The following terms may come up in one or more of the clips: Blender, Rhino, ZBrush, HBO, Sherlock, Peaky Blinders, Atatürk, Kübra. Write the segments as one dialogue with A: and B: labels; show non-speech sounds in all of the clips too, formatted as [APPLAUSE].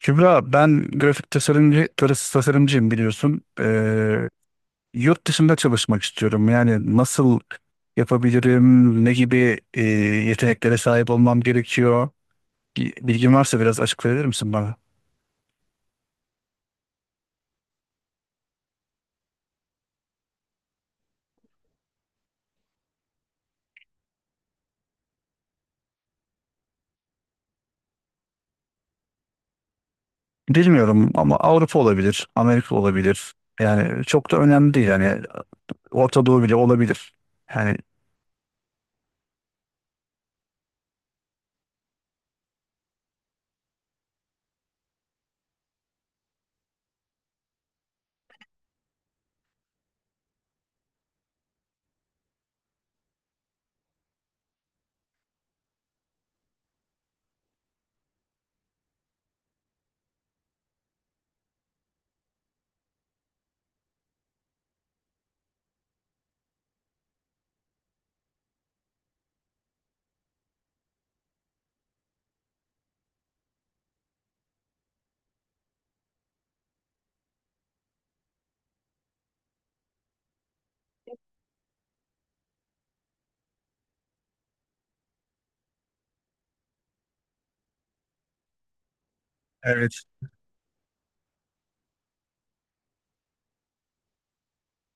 A: Kübra, ben grafik tasarımcı, grafik tasarımcıyım biliyorsun. Yurt dışında çalışmak istiyorum. Yani nasıl yapabilirim, ne gibi yeteneklere sahip olmam gerekiyor? Bilgin varsa biraz açık verir misin bana? Bilmiyorum ama Avrupa olabilir, Amerika olabilir. Yani çok da önemli değil. Yani Orta Doğu bile olabilir. Yani evet.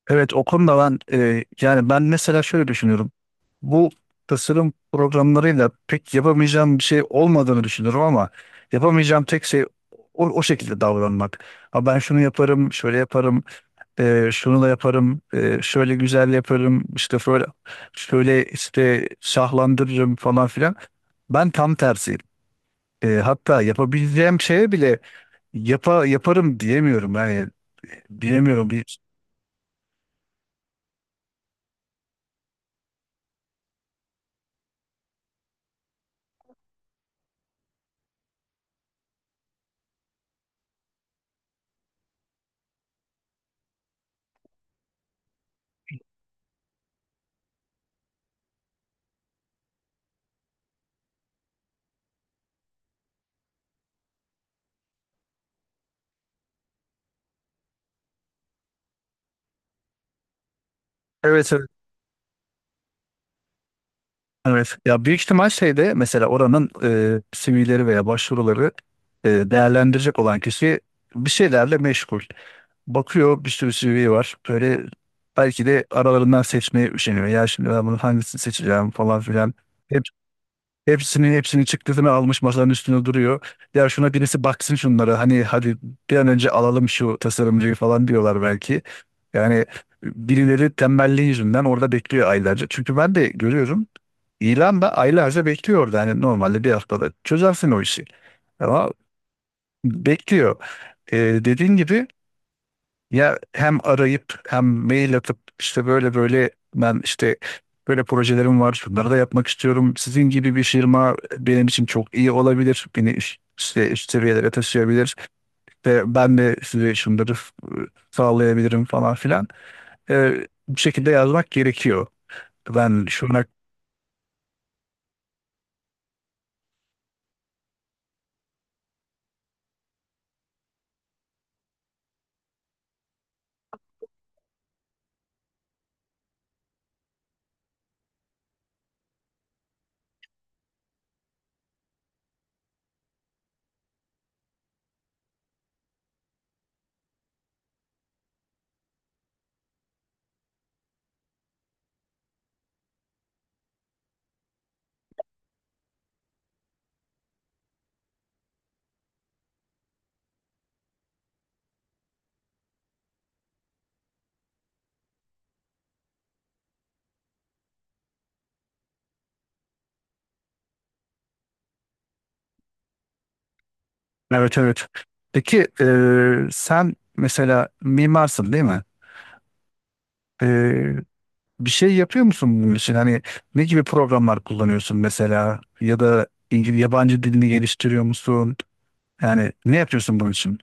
A: Evet, o konuda ben yani ben mesela şöyle düşünüyorum. Bu tasarım programlarıyla pek yapamayacağım bir şey olmadığını düşünüyorum ama yapamayacağım tek şey o şekilde davranmak. Ha ben şunu yaparım, şöyle yaparım, şunu da yaparım, şöyle güzel yaparım, işte şöyle, şöyle işte şahlandırırım falan filan. Ben tam tersiyim. Hatta yapabileceğim şeye bile yaparım diyemiyorum. Yani bilemiyorum. Bir, evet, evet. Evet. Ya büyük ihtimal şeyde mesela oranın CV'leri veya başvuruları değerlendirecek olan kişi bir şeylerle meşgul. Bakıyor, bir sürü CV var. Böyle belki de aralarından seçmeye üşeniyor. Ya şimdi ben bunu hangisini seçeceğim falan filan. Hepsinin çıktısını almış masanın üstüne duruyor. Ya şuna birisi baksın şunlara hani hadi bir an önce alalım şu tasarımcıyı falan diyorlar belki. Yani birileri tembelliği yüzünden orada bekliyor aylarca. Çünkü ben de görüyorum, ilan da aylarca bekliyor orada. Hani normalde bir haftada çözersin o işi. Ama bekliyor. Ee, Dediğin gibi ya hem arayıp hem mail atıp işte böyle böyle ben işte böyle projelerim var, şunları da yapmak istiyorum. Sizin gibi bir firma benim için çok iyi olabilir. Beni üst, işte üst seviyelere taşıyabilir ve ben de size şunları sağlayabilirim falan filan. Bu şekilde yazmak gerekiyor. Ben şuna evet, evet. Peki, sen mesela mimarsın değil mi? E, Bir şey yapıyor musun bunun için? Hani ne gibi programlar kullanıyorsun mesela? Ya da İngiliz, yabancı dilini geliştiriyor musun? Yani ne yapıyorsun bunun için?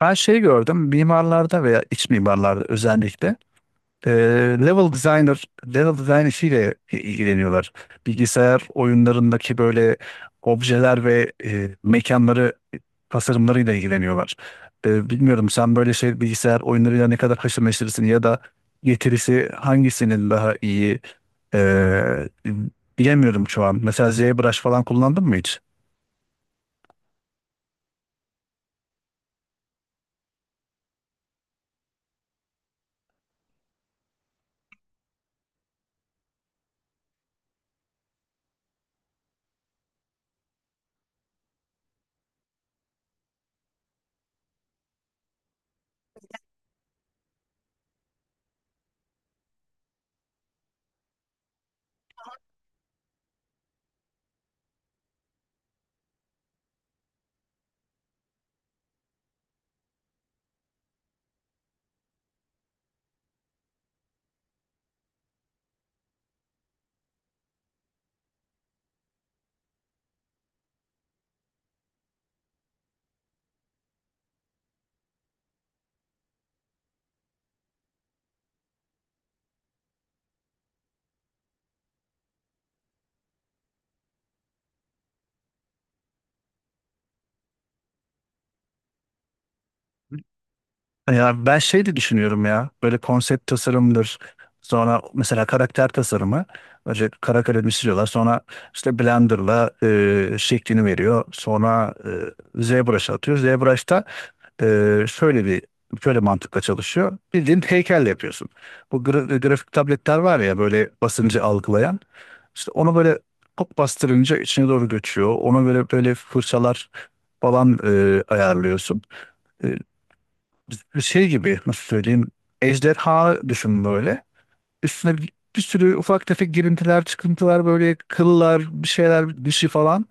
A: Ben şey gördüm mimarlarda veya iç mimarlarda özellikle level designer, level design işiyle ilgileniyorlar. Bilgisayar oyunlarındaki böyle objeler ve mekanları tasarımlarıyla ilgileniyorlar. Bilmiyorum sen böyle şey bilgisayar oyunlarıyla ne kadar haşır neşirsin ya da getirisi hangisinin daha iyi. Ee, Bilemiyorum şu an. Mesela ZBrush falan kullandın mı hiç? Hı. Ya ben şey de düşünüyorum, ya böyle konsept tasarımdır, sonra mesela karakter tasarımı önce kara kalemi siliyorlar, sonra işte Blender'la şeklini veriyor, sonra ZBrush'a atıyor, ZBrush'ta e, şöyle bir şöyle mantıkla çalışıyor, bildiğin heykelle yapıyorsun. Bu grafik tabletler var ya, böyle basıncı algılayan, işte onu böyle hop bastırınca içine doğru göçüyor, ona böyle böyle fırçalar falan ayarlıyorsun. E, Şey gibi nasıl söyleyeyim, ejderha düşün böyle. Üstüne bir sürü ufak tefek girintiler, çıkıntılar, böyle kıllar, bir şeyler, dişi falan.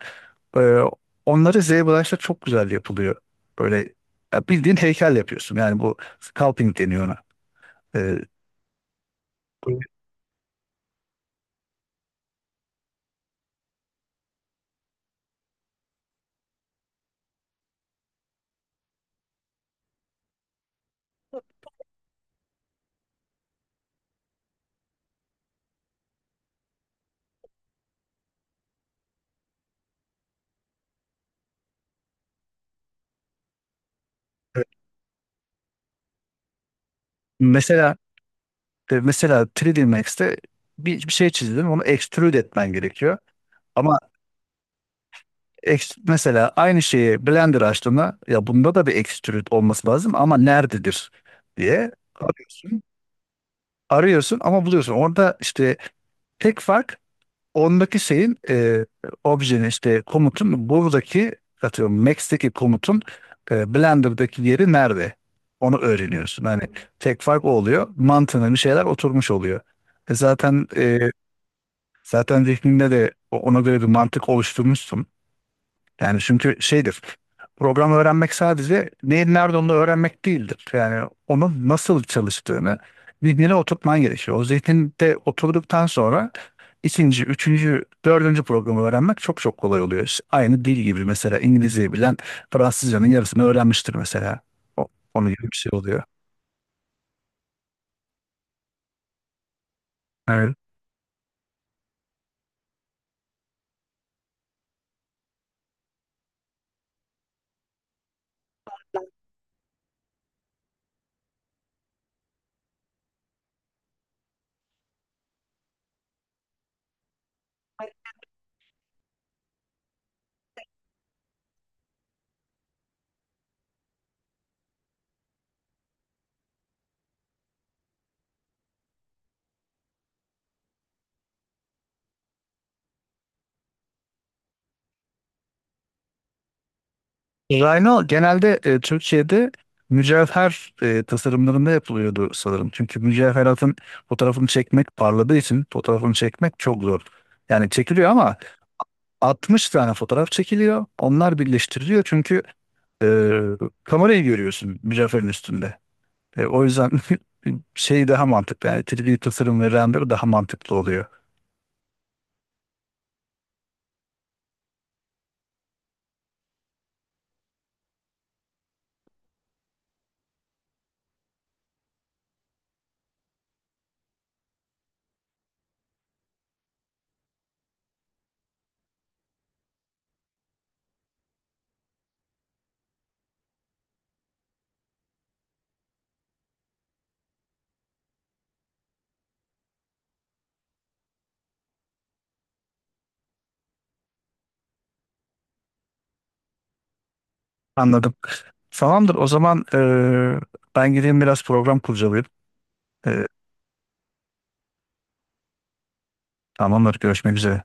A: Ee, Onları ZBrush'ta çok güzel yapılıyor. Böyle ya bildiğin heykel yapıyorsun. Yani bu sculpting deniyor ona. Ee, bu- Mesela mesela 3D Max'te bir şey çizdin, onu extrude etmen gerekiyor. Ama mesela aynı şeyi Blender açtığında ya bunda da bir extrude olması lazım ama nerededir diye arıyorsun. Arıyorsun ama buluyorsun. Orada işte tek fark ondaki şeyin objenin işte komutun buradaki atıyorum Max'teki komutun Blender'daki yeri nerede? Onu öğreniyorsun. Hani tek fark o oluyor. Mantığına bir şeyler oturmuş oluyor. E zaten zaten zihninde de ona göre bir mantık oluşturmuşsun. Yani çünkü şeydir. Program öğrenmek sadece neyin nerede onu öğrenmek değildir. Yani onun nasıl çalıştığını zihnine oturtman gerekiyor. O zihninde oturduktan sonra ikinci, üçüncü, dördüncü programı öğrenmek çok kolay oluyor. İşte aynı dil gibi, mesela İngilizceyi bilen Fransızcanın yarısını öğrenmiştir mesela. O, Onun gibi bir şey oluyor. Evet. Rhino genelde Türkiye'de mücevher tasarımlarında yapılıyordu sanırım. Çünkü mücevheratın fotoğrafını çekmek, parladığı için fotoğrafını çekmek çok zor. Yani çekiliyor ama 60 tane fotoğraf çekiliyor. Onlar birleştiriliyor çünkü e, kamerayı görüyorsun mücevherin üstünde. O yüzden [LAUGHS] şey daha mantıklı. Yani 3D tasarım ve render daha mantıklı oluyor. Anladım. Tamamdır. O zaman ben gideyim biraz program kurcalayayım. E, Tamamdır. Görüşmek üzere.